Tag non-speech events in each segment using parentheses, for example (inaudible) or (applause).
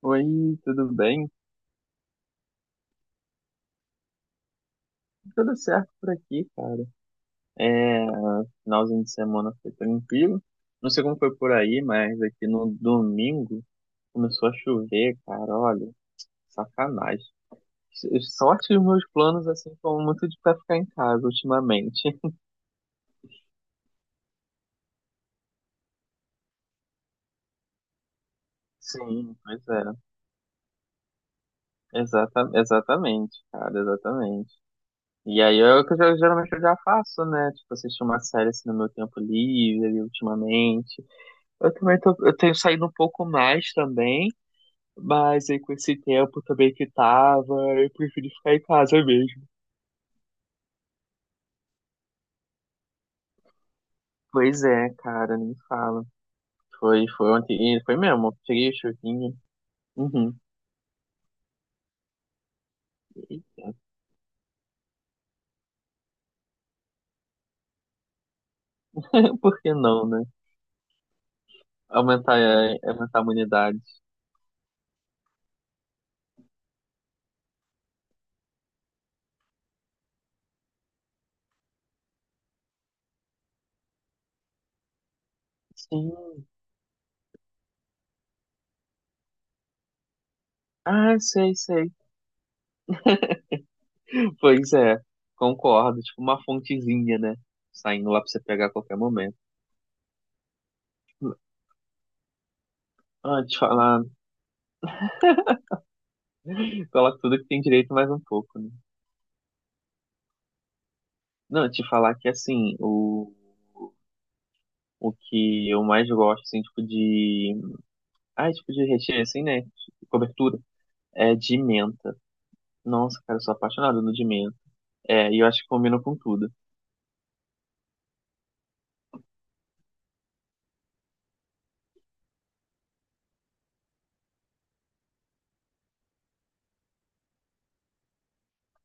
Oi, tudo bem? Tudo certo por aqui, cara. É, finalzinho de semana foi tranquilo. Não sei como foi por aí, mas aqui no domingo começou a chover, cara. Olha, sacanagem. Sorte que os meus planos, assim, foram muito de pra ficar em casa ultimamente. (laughs) Sim, pois é. Exatamente, cara, exatamente. E aí é o que geralmente eu já faço, né? Tipo, assistir uma série assim no meu tempo livre, ultimamente. Eu tenho saído um pouco mais também. Mas aí com esse tempo também que tava, eu preferi ficar em casa mesmo. Pois é, cara, nem fala. Foi ontem, e foi mesmo, tirei o chuvinho. Uhum. Eita. (laughs) Por que não, né? Aumentar a imunidade. Sim. Ah, sei, sei. Pois é, concordo. Tipo uma fontezinha, né? Saindo lá pra você pegar a qualquer momento. Ah, te falar, coloca tudo que tem direito mais um pouco, né? Não, te falar que assim, o que eu mais gosto, assim, tipo de. Ah, tipo de recheio, assim, né? Cobertura. É de menta. Nossa, cara, eu sou apaixonado no de menta. É, e eu acho que combina com tudo.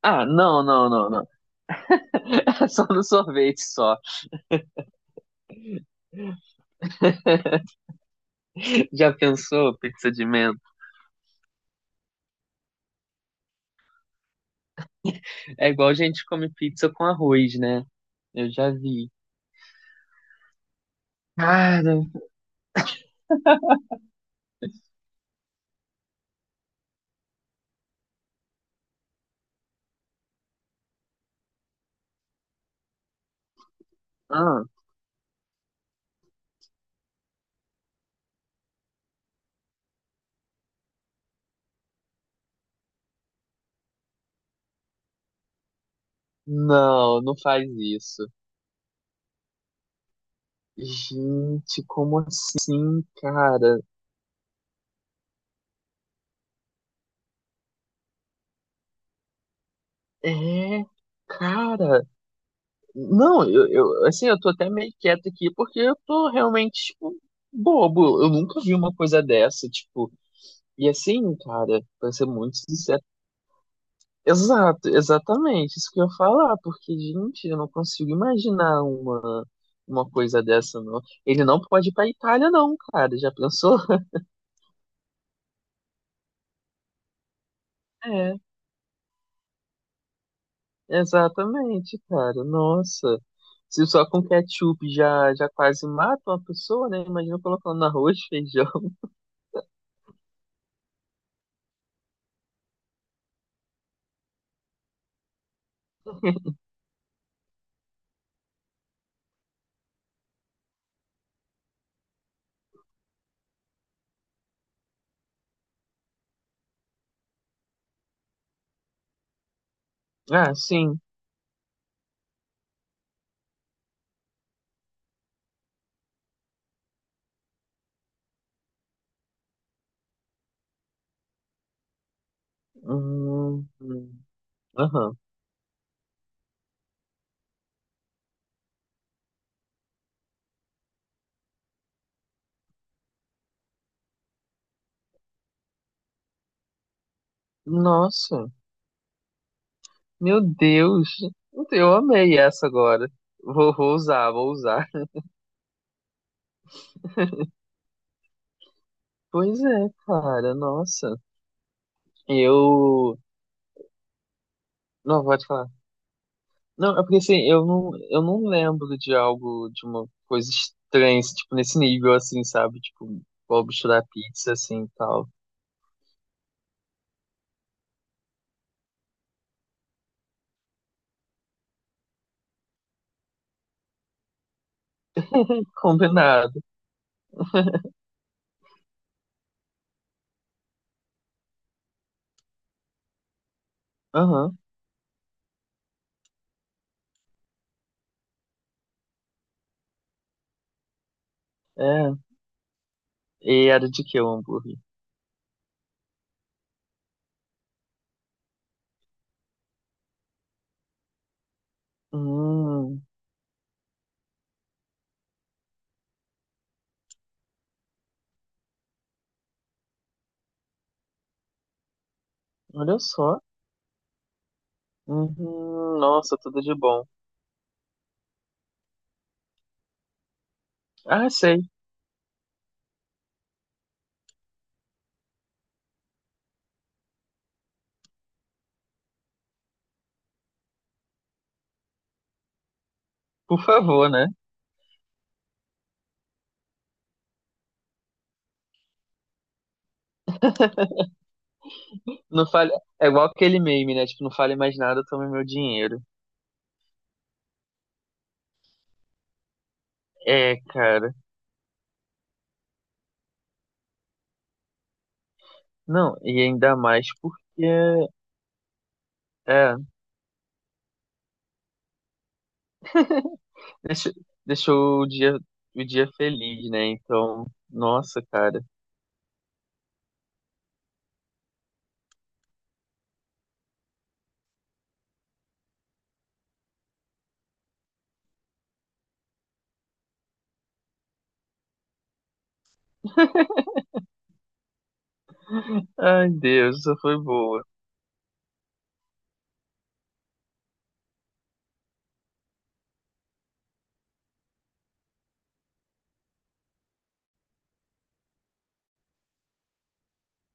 Ah, não, não, não, não. (laughs) É só no sorvete só. Já pensou, pizza de menta? É igual a gente come pizza com arroz, né? Eu já vi. Cara, ah, não, não faz isso. Gente, como assim, cara? É, cara. Não, assim, eu tô até meio quieto aqui porque eu tô realmente, tipo, bobo. Eu nunca vi uma coisa dessa, tipo, e assim, cara, pra ser muito sincero. Exato, exatamente, isso que eu ia falar, porque, gente, eu não consigo imaginar uma coisa dessa, não. Ele não pode ir pra Itália, não, cara, já pensou? (laughs) É, exatamente, cara, nossa. Se só com ketchup já quase mata uma pessoa, né? Imagina colocando arroz, (laughs) feijão. Ah, sim. Hum. Aham. Nossa, meu Deus. Eu amei essa agora. Vou usar. (laughs) Pois é, cara, nossa. Eu. Não, pode falar. Não, é porque assim, eu não lembro de algo, de uma coisa estranha, assim, tipo, nesse nível, assim, sabe? Tipo, vou misturar pizza, assim, e tal. Combinado. (laughs) Aham, é. E era de que o hambúrguer? Hum, olha só. Uhum, nossa, tudo de bom. Ah, sei. Por favor, né? Não fale. É igual aquele meme, né? Tipo, não fale mais nada, tome meu dinheiro. É, cara. Não, e ainda mais porque é, (laughs) deixa- deixou o dia feliz, né? Então, nossa, cara. Ai, Deus, isso foi boa.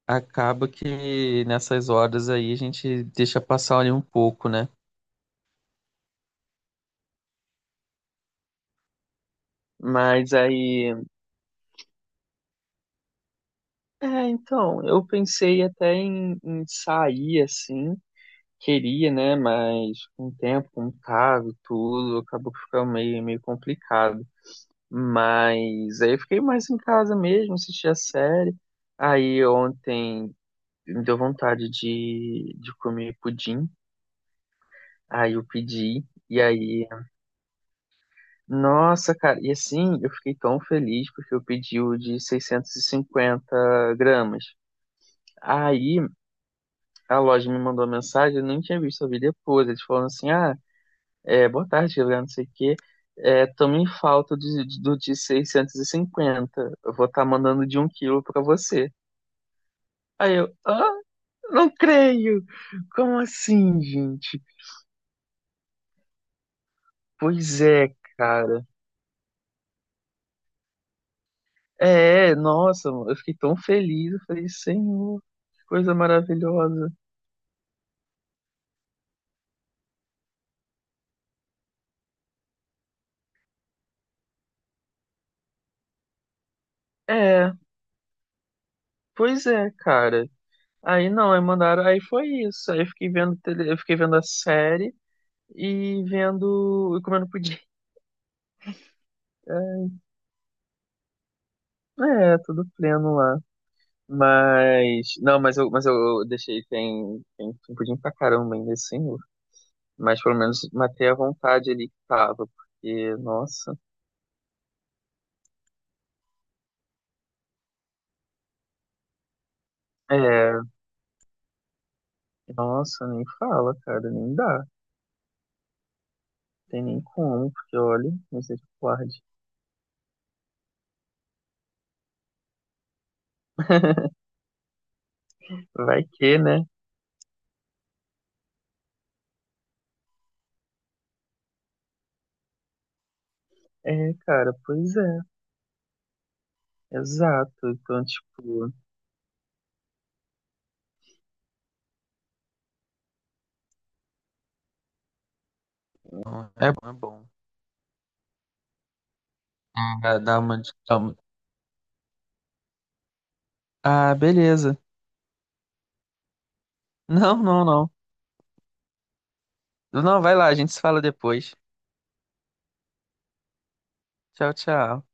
Acaba que nessas horas aí a gente deixa passar ali um pouco, né? Mas aí, é, então, eu pensei até em sair assim. Queria, né? Mas com o tempo, com o cargo, tudo, acabou que ficou meio complicado. Mas aí eu fiquei mais em casa mesmo, assisti a série. Aí ontem me deu vontade de comer pudim. Aí eu pedi. E aí, nossa, cara, e assim eu fiquei tão feliz porque eu pedi o de 650 gramas. Aí a loja me mandou uma mensagem, eu nem tinha visto, eu vi depois. Eles falaram assim: ah. É, boa tarde, Gabriel, não sei o quê. É, tô em falta do de 650. Eu vou estar mandando de um quilo pra você. Aí eu, ah, não creio! Como assim, gente? Pois é, cara. É, nossa, eu fiquei tão feliz. Eu falei, Senhor, que coisa maravilhosa. É, pois é, cara. Aí não, aí mandaram, aí foi isso. Aí eu fiquei vendo, tele, eu fiquei vendo a série e vendo, e comendo pudim. (laughs) É, tudo pleno lá. Mas. Não, mas eu deixei. Tem um pudim pra caramba ainda assim. Mas pelo menos matei a vontade ali que tava. Porque, nossa. É. Nossa, nem fala, cara. Nem dá. Tem nem como. Porque, olha, misericórdia. (laughs) Vai que, né? É, cara, pois é. Exato. Então, tipo. É bom, é bom. Dá dá uma. De- dá uma- Ah, beleza. Não, não, não. Não, vai lá, a gente se fala depois. Tchau, tchau.